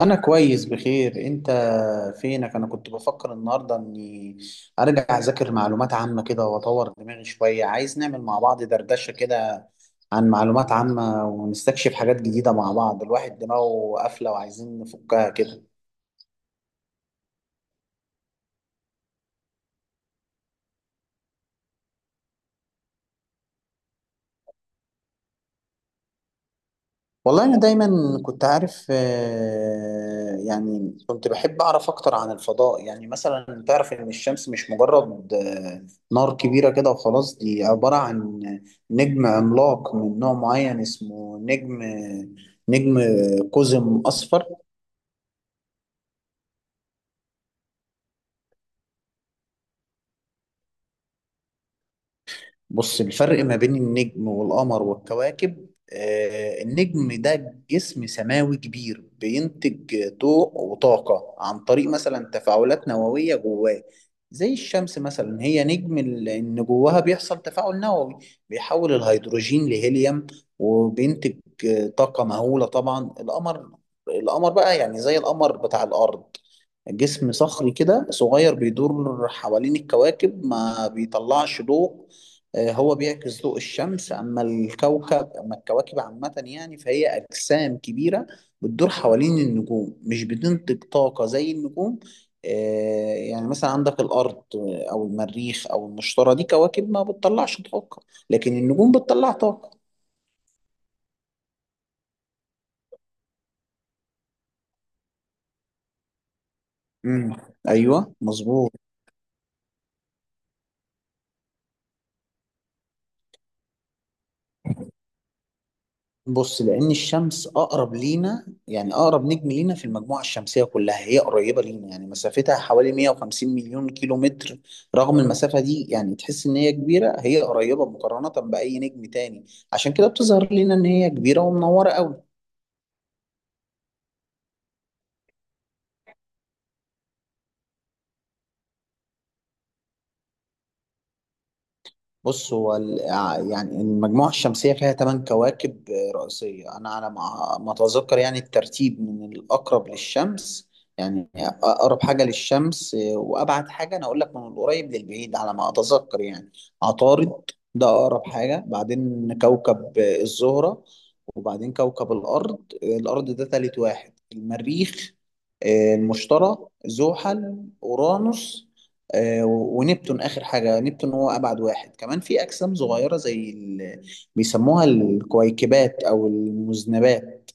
انا كويس، بخير. انت فينك؟ انا كنت بفكر النهارده اني ارجع اذاكر معلومات عامه كده واطور دماغي شويه. عايز نعمل مع بعض دردشه كده عن معلومات عامه، ونستكشف حاجات جديده مع بعض. الواحد دماغه قافله وعايزين نفكها كده. والله أنا دايما كنت عارف. يعني كنت بحب أعرف أكتر عن الفضاء. يعني مثلا تعرف إن الشمس مش مجرد نار كبيرة كده وخلاص. دي عبارة عن نجم عملاق من نوع معين، اسمه نجم قزم أصفر. بص، الفرق ما بين النجم والقمر والكواكب، النجم ده جسم سماوي كبير بينتج ضوء وطاقة عن طريق مثلا تفاعلات نووية جواه. زي الشمس مثلا، هي نجم إن جواها بيحصل تفاعل نووي بيحول الهيدروجين لهيليوم، وبينتج طاقة مهولة. طبعا القمر بقى، يعني زي القمر بتاع الأرض، جسم صخري كده صغير بيدور حوالين الكواكب، ما بيطلعش ضوء. هو بيعكس ضوء الشمس. اما الكواكب عامة يعني، فهي اجسام كبيرة بتدور حوالين النجوم، مش بتنتج طاقة زي النجوم. آه، يعني مثلا عندك الارض او المريخ او المشتري، دي كواكب ما بتطلعش طاقة، لكن النجوم بتطلع طاقة. امم. ايوه، مظبوط. بص، لأن الشمس أقرب لينا. يعني أقرب نجم لينا في المجموعة الشمسية كلها، هي قريبة لينا يعني، مسافتها حوالي 150 مليون كيلو متر. رغم المسافة دي، يعني تحس إن هي كبيرة. هي قريبة مقارنة بأي نجم تاني، عشان كده بتظهر لينا إن هي كبيرة ومنورة أوي. بص هو ال- آه، يعني المجموعة الشمسية فيها ثمان كواكب رئيسية، أنا على ما أتذكر. يعني الترتيب من الأقرب للشمس يعني، أقرب حاجة للشمس وأبعد حاجة، أنا أقول لك من القريب للبعيد على ما أتذكر يعني. عطارد ده أقرب حاجة، بعدين كوكب الزهرة، وبعدين كوكب الأرض. الأرض ده تالت واحد. المريخ، المشتري، زحل، أورانوس، ونبتون آخر حاجة. نبتون هو أبعد واحد. كمان في أجسام صغيرة زي بيسموها الكويكبات أو المذنبات.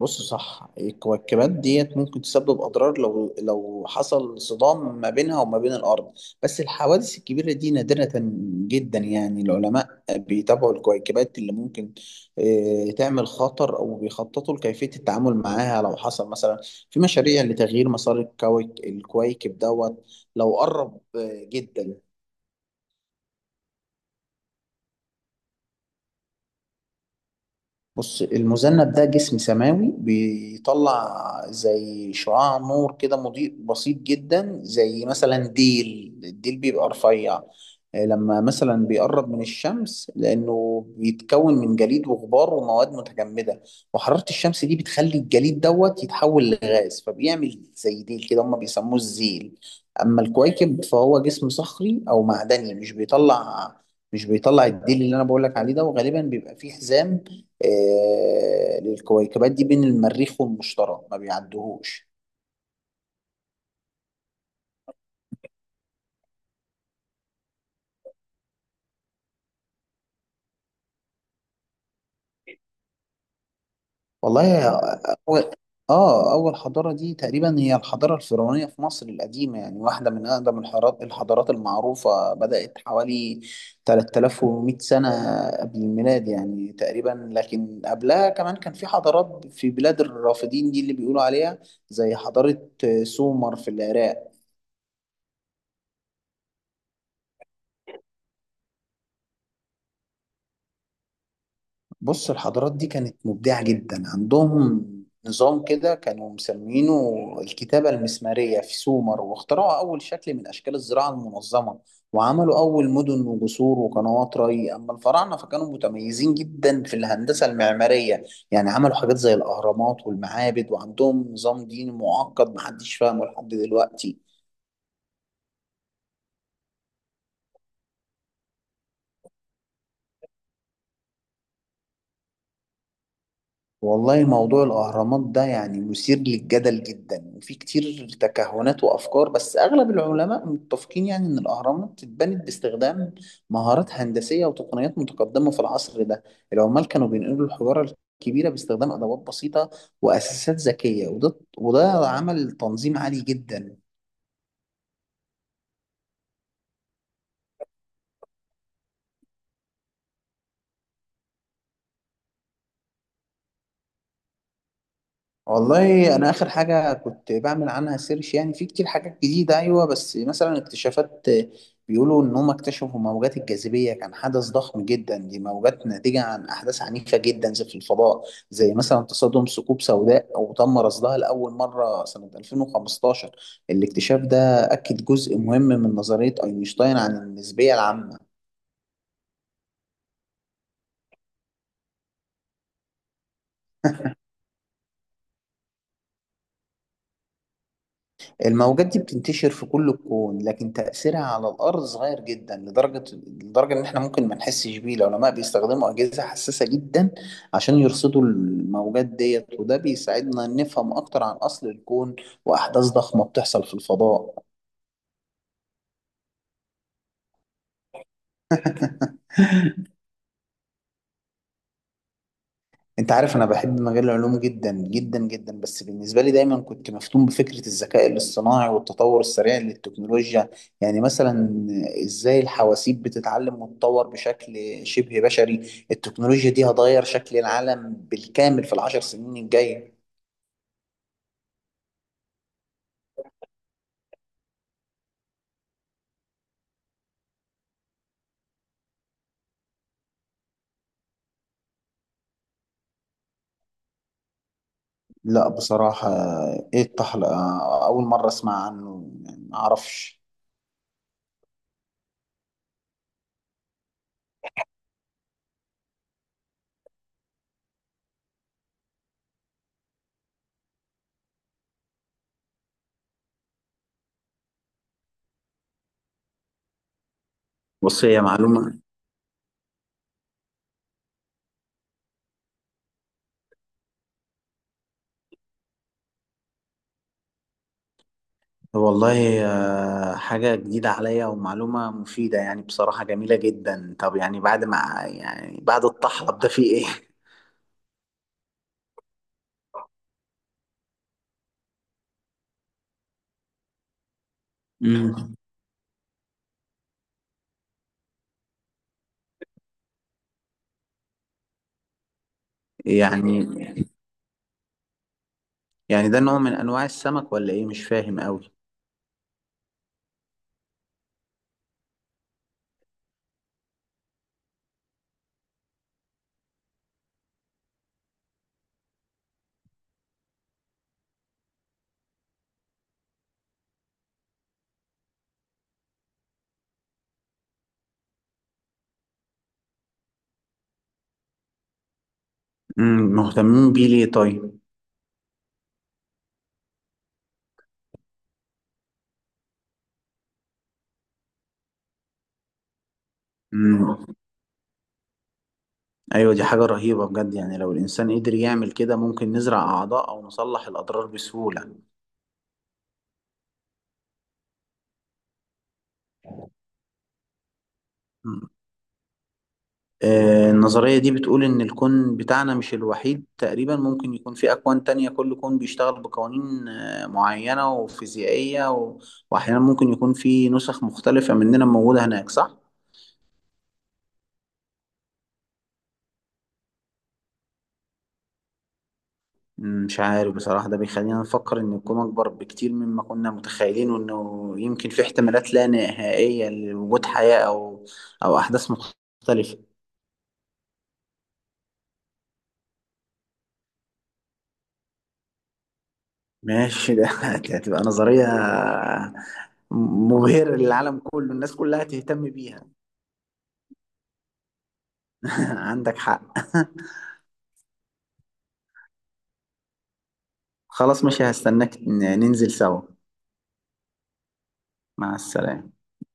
بص صح، الكويكبات ديت ممكن تسبب أضرار لو حصل صدام ما بينها وما بين الأرض، بس الحوادث الكبيرة دي نادرة جدا. يعني العلماء بيتابعوا الكويكبات اللي ممكن تعمل خطر، أو بيخططوا لكيفية التعامل معاها لو حصل مثلا. في مشاريع لتغيير مسار الكويكب دوت لو قرب جدا. بص، المذنب ده جسم سماوي بيطلع زي شعاع نور كده مضيء بسيط جدا. زي مثلا ديل، الديل بيبقى رفيع لما مثلا بيقرب من الشمس، لأنه بيتكون من جليد وغبار ومواد متجمدة، وحرارة الشمس دي بتخلي الجليد دوت يتحول لغاز، فبيعمل زي ديل كده. هما بيسموه الزيل. أما الكويكب فهو جسم صخري أو معدني مش بيطلع الديل اللي أنا بقولك عليه ده، وغالبا بيبقى فيه حزام للكويكبات دي بين المريخ والمشتري ما بيعدوهوش. والله ياه، أول حضارة دي تقريبا هي الحضارة الفرعونية في مصر القديمة. يعني واحدة من أقدم الحضارات المعروفة، بدأت حوالي 3100 سنة قبل الميلاد يعني تقريبا. لكن قبلها كمان كان في حضارات في بلاد الرافدين دي، اللي بيقولوا عليها زي حضارة سومر في العراق. بص الحضارات دي كانت مبدعة جدا. عندهم نظام كده كانوا مسمينه الكتابة المسمارية في سومر، واخترعوا أول شكل من أشكال الزراعة المنظمة، وعملوا أول مدن وجسور وقنوات ري. أما الفراعنة فكانوا متميزين جدا في الهندسة المعمارية، يعني عملوا حاجات زي الأهرامات والمعابد، وعندهم نظام ديني معقد محدش فاهمه لحد دلوقتي. والله موضوع الأهرامات ده يعني مثير للجدل جدا، وفي كتير تكهنات وأفكار، بس أغلب العلماء متفقين يعني إن الأهرامات اتبنت باستخدام مهارات هندسية وتقنيات متقدمة في العصر ده. العمال كانوا بينقلوا الحجارة الكبيرة باستخدام أدوات بسيطة وأساسات ذكية، وده عمل تنظيم عالي جدا. والله انا اخر حاجه كنت بعمل عنها سيرش، يعني في كتير حاجات جديده ايوه. بس مثلا اكتشافات بيقولوا ان هم اكتشفوا موجات الجاذبيه، كان حدث ضخم جدا. دي موجات ناتجه عن احداث عنيفه جدا زي في الفضاء، زي مثلا تصادم ثقوب سوداء، او تم رصدها لاول مره سنه 2015. الاكتشاف ده اكد جزء مهم من نظريه اينشتاين عن النسبيه العامه. الموجات دي بتنتشر في كل الكون، لكن تأثيرها على الأرض صغير جدا لدرجة إن إحنا ممكن ما نحسش بيه. العلماء بيستخدموا أجهزة حساسة جدا عشان يرصدوا الموجات ديت، وده بيساعدنا نفهم أكتر عن أصل الكون وأحداث ضخمة بتحصل في الفضاء. انت عارف انا بحب مجال العلوم جدا جدا جدا، بس بالنسبه لي دايما كنت مفتون بفكره الذكاء الاصطناعي والتطور السريع للتكنولوجيا. يعني مثلا ازاي الحواسيب بتتعلم وتتطور بشكل شبه بشري. التكنولوجيا دي هتغير شكل العالم بالكامل في العشر سنين الجايه. لا، بصراحه ايه الطحلقه؟ اول مره اسمع عنه، يعني ما اعرفش. بص هي معلومه. والله، حاجة جديدة عليا ومعلومة مفيدة يعني، بصراحة جميلة جدا. طب يعني بعد ما يعني بعد الطحلب ده في ايه؟ امم يعني يعني ده نوع من انواع السمك ولا ايه؟ مش فاهم قوي. مهتمين بيه ليه طيب؟ امم. ايوه، دي حاجة رهيبة بجد. يعني لو الانسان قدر يعمل كده ممكن نزرع اعضاء او نصلح الاضرار بسهولة. النظرية دي بتقول إن الكون بتاعنا مش الوحيد، تقريبا ممكن يكون في أكوان تانية. كل كون بيشتغل بقوانين معينة وفيزيائية وأحيانا ممكن يكون في نسخ مختلفة مننا موجودة هناك، صح؟ مش عارف بصراحة. ده بيخلينا نفكر إن الكون أكبر بكتير مما كنا متخيلين، وإنه يمكن في احتمالات لا نهائية لوجود حياة أو أحداث مختلفة. ماشي ده. هتبقى نظرية مبهرة للعالم كله، الناس كلها تهتم بيها. عندك حق. خلاص ماشي، هستناك ننزل سوا. مع السلامة.